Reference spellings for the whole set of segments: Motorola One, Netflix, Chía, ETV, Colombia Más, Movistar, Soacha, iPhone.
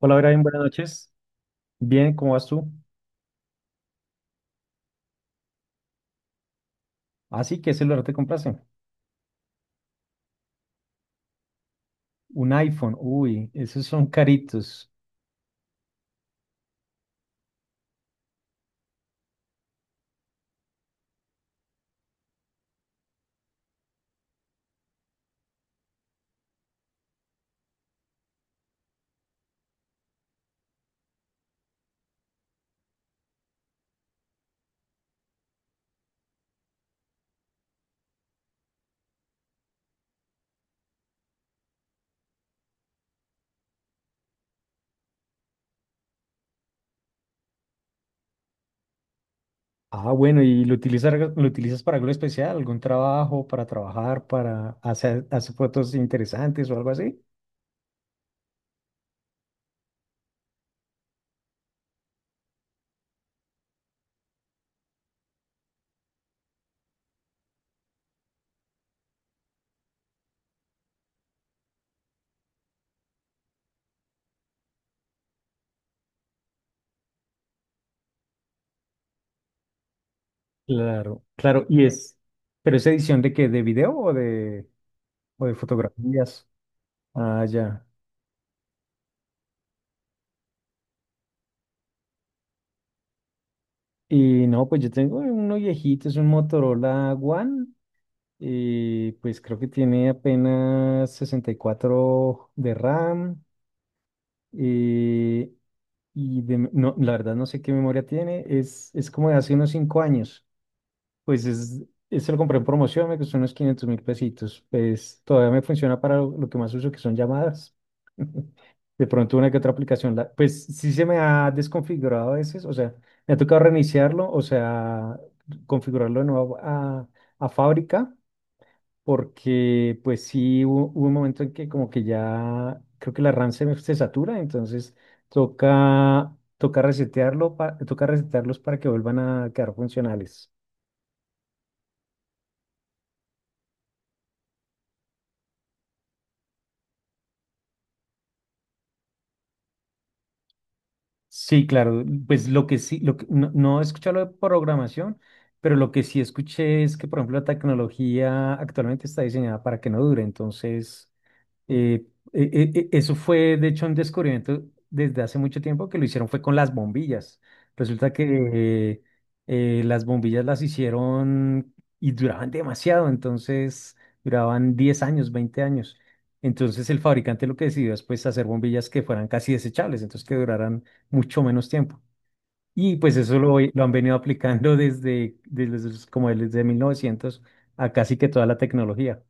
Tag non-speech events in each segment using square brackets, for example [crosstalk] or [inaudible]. Hola, Brian, buenas noches. Bien, ¿cómo vas tú? ¿Así que celular te compraste? Un iPhone. Uy, esos son caritos. Ah, bueno, ¿y lo utilizas para algo especial? ¿Algún trabajo, para trabajar, para hacer, hacer fotos interesantes o algo así? Claro, claro. ¿Y es, pero es edición de qué? ¿De video o de fotografías? Ah, ya. Y no, pues yo tengo uno viejito, es un Motorola One. Y pues creo que tiene apenas 64 de RAM. eh, y de, no, la verdad no sé qué memoria tiene. Es como de hace unos 5 años. Pues es, este lo compré en promoción, me costó unos 500.000 pesitos. Pues todavía me funciona para lo que más uso, que son llamadas. [laughs] De pronto una que otra aplicación. Pues sí se me ha desconfigurado a veces. O sea, me ha tocado reiniciarlo, o sea, configurarlo de nuevo a fábrica porque pues sí hubo un momento en que como que ya creo que la RAM se, se satura, entonces toca, toca resetearlo, toca resetearlos para que vuelvan a quedar funcionales. Sí, claro, pues lo que sí, lo que, no, no he escuchado lo de programación, pero lo que sí escuché es que, por ejemplo, la tecnología actualmente está diseñada para que no dure, entonces... Eh, Eso fue, de hecho, un descubrimiento desde hace mucho tiempo que lo hicieron fue con las bombillas. Resulta que las bombillas las hicieron y duraban demasiado, entonces duraban 10 años, 20 años. Entonces el fabricante lo que decidió es pues hacer bombillas que fueran casi desechables, entonces que duraran mucho menos tiempo. Y pues eso lo han venido [laughs] aplicando desde, como desde 1900 a casi que toda la tecnología.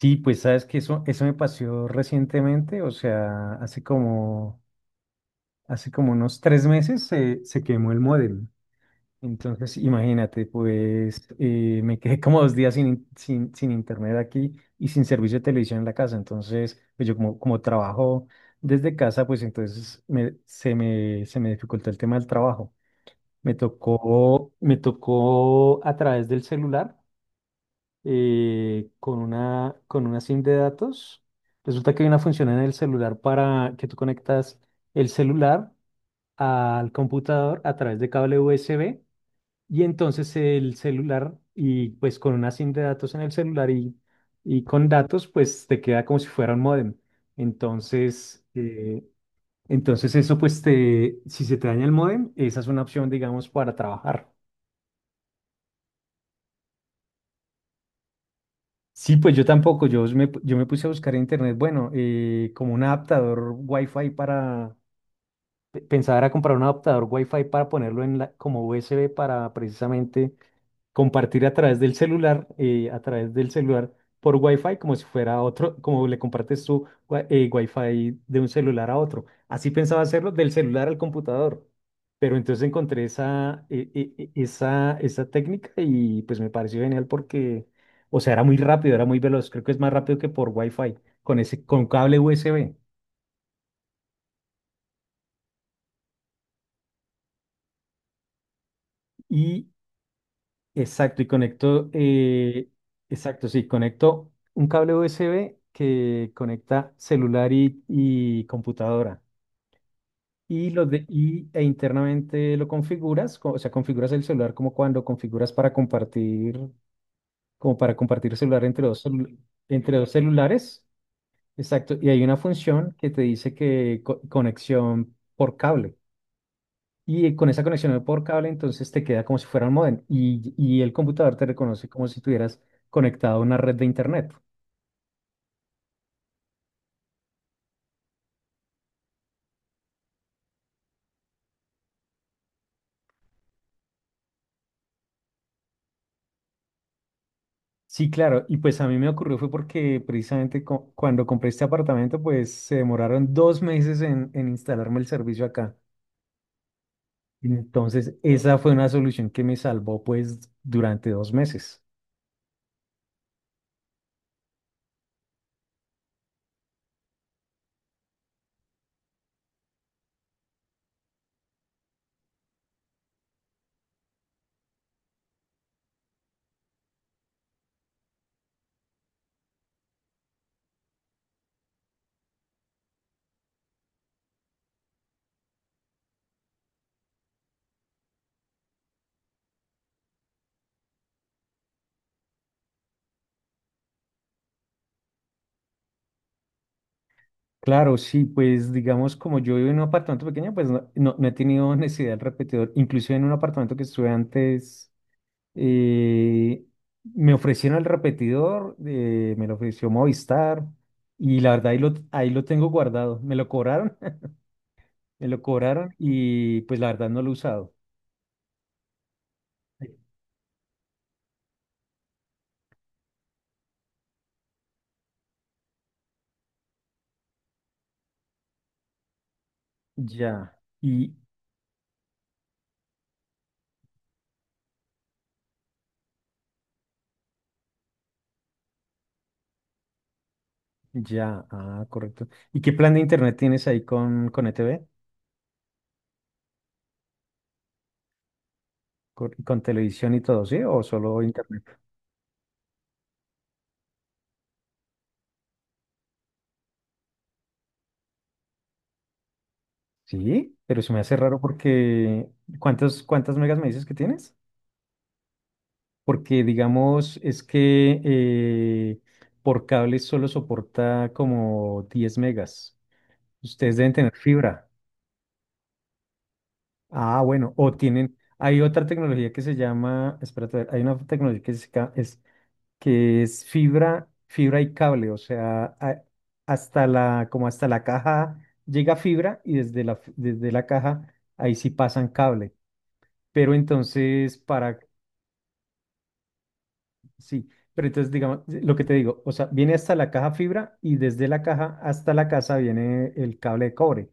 Sí, pues sabes que eso me pasó recientemente, o sea, hace como unos 3 meses se, se quemó el módem. Entonces, imagínate, pues me quedé [laughs] como 2 días sin, sin, sin internet aquí y sin servicio de televisión en la casa. Entonces, pues yo como, como trabajo desde casa, pues entonces se me dificultó el tema del trabajo. Me tocó a través del celular con una SIM de datos. Resulta que hay una función en el celular para que tú conectas el celular al computador a través de cable USB y entonces el celular y pues con una SIM de datos en el celular y con datos pues te queda como si fuera un módem. Entonces, entonces eso pues te, si se te daña el módem, esa es una opción digamos para trabajar. Sí, pues yo tampoco, yo me, yo me puse a buscar en internet, bueno, como un adaptador Wi-Fi para, pensaba era comprar un adaptador Wi-Fi para ponerlo en la, como USB para precisamente compartir a través del celular, a través del celular por Wi-Fi, como si fuera otro, como le compartes tu wi- fi de un celular a otro. Así pensaba hacerlo del celular al computador. Pero entonces encontré esa, e- e- e- esa técnica y pues me pareció genial porque, o sea, era muy rápido, era muy veloz. Creo que es más rápido que por Wi-Fi, con ese, con cable USB. Y exacto, y conecto, exacto, sí, conecto un cable USB que conecta celular y computadora. Y, lo de, y e internamente lo configuras, o sea, configuras el celular como cuando configuras para compartir, como para compartir celular entre dos, entre dos celulares. Exacto, y hay una función que te dice que conexión por cable. Y con esa conexión por cable, entonces te queda como si fuera un módem y el computador te reconoce como si tuvieras conectado a una red de internet. Sí, claro, y pues a mí me ocurrió fue porque precisamente cuando compré este apartamento, pues se demoraron 2 meses en instalarme el servicio acá. Entonces, esa fue una solución que me salvó pues durante 2 meses. Claro, sí, pues digamos como yo vivo en un apartamento pequeño, pues no, no, no he tenido necesidad del repetidor. Inclusive en un apartamento que estuve antes Eh, me ofrecieron el repetidor, me lo ofreció Movistar y la verdad ahí lo tengo guardado. Me lo cobraron, [laughs] me lo cobraron y pues la verdad no lo he usado. Ya, y ya, ah, correcto. ¿Y qué plan de internet tienes ahí con ETV? Con televisión y todo, sí? ¿O solo internet? Sí, pero se me hace raro porque ¿cuántos, cuántas megas me dices que tienes? Porque digamos es que por cable solo soporta como 10 megas. Ustedes deben tener fibra. Ah, bueno, o tienen, hay otra tecnología que se llama, espérate, a ver, hay una tecnología que es, que es fibra, fibra y cable, o sea, hasta la, como hasta la caja llega fibra y desde la, desde la caja ahí sí pasan cable. Pero entonces, para sí, pero entonces, digamos, lo que te digo, o sea, viene hasta la caja fibra y desde la caja hasta la casa viene el cable de cobre.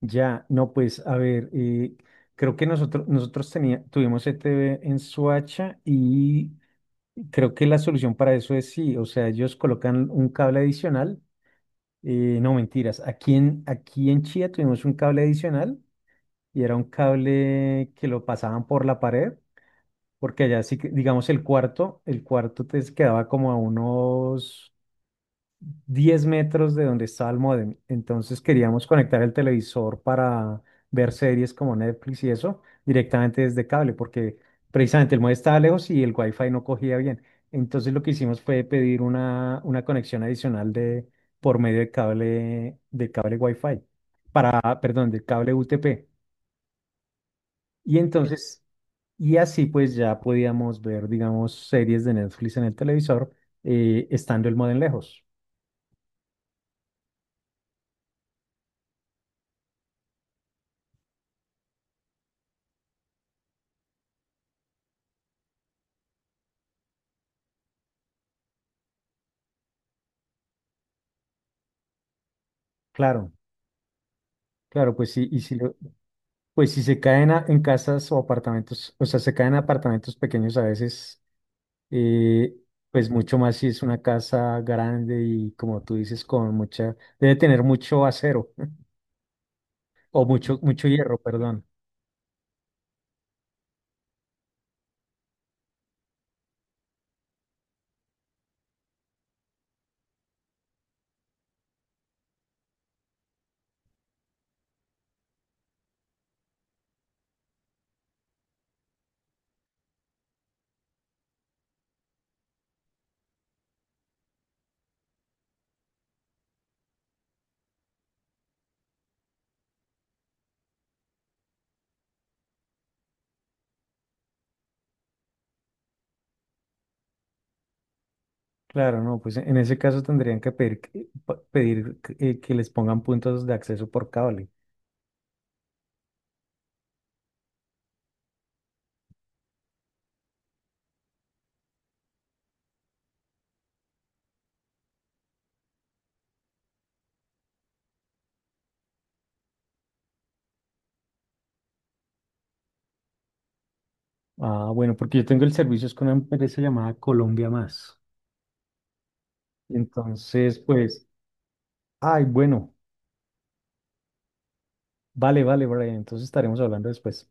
Ya, no, pues, a ver, creo que nosotros, tuvimos ETV en Soacha y creo que la solución para eso es sí, o sea, ellos colocan un cable adicional, no mentiras, aquí en, aquí en Chía tuvimos un cable adicional y era un cable que lo pasaban por la pared porque allá sí que, digamos, el cuarto te quedaba como a unos 10 metros de donde estaba el módem. Entonces queríamos conectar el televisor para ver series como Netflix y eso directamente desde cable, porque precisamente el módem estaba lejos y el wifi no cogía bien. Entonces lo que hicimos fue pedir una conexión adicional de, por medio de cable wifi, para, perdón, de cable UTP. Y entonces, y así pues ya podíamos ver, digamos, series de Netflix en el televisor, estando el modem lejos. Claro, claro, pues sí, y si lo, pues si se caen en casas o apartamentos, o sea, se caen en apartamentos pequeños a veces, eh, pues mucho más si es una casa grande y como tú dices, con mucha, debe tener mucho acero [laughs] o mucho, mucho hierro, perdón. Claro, no, pues en ese caso tendrían que pedir, pedir que les pongan puntos de acceso por cable. Ah, bueno, porque yo tengo el servicio es con una empresa llamada Colombia Más. Entonces, pues, ay, bueno, vale, vale, Brian, entonces estaremos hablando después.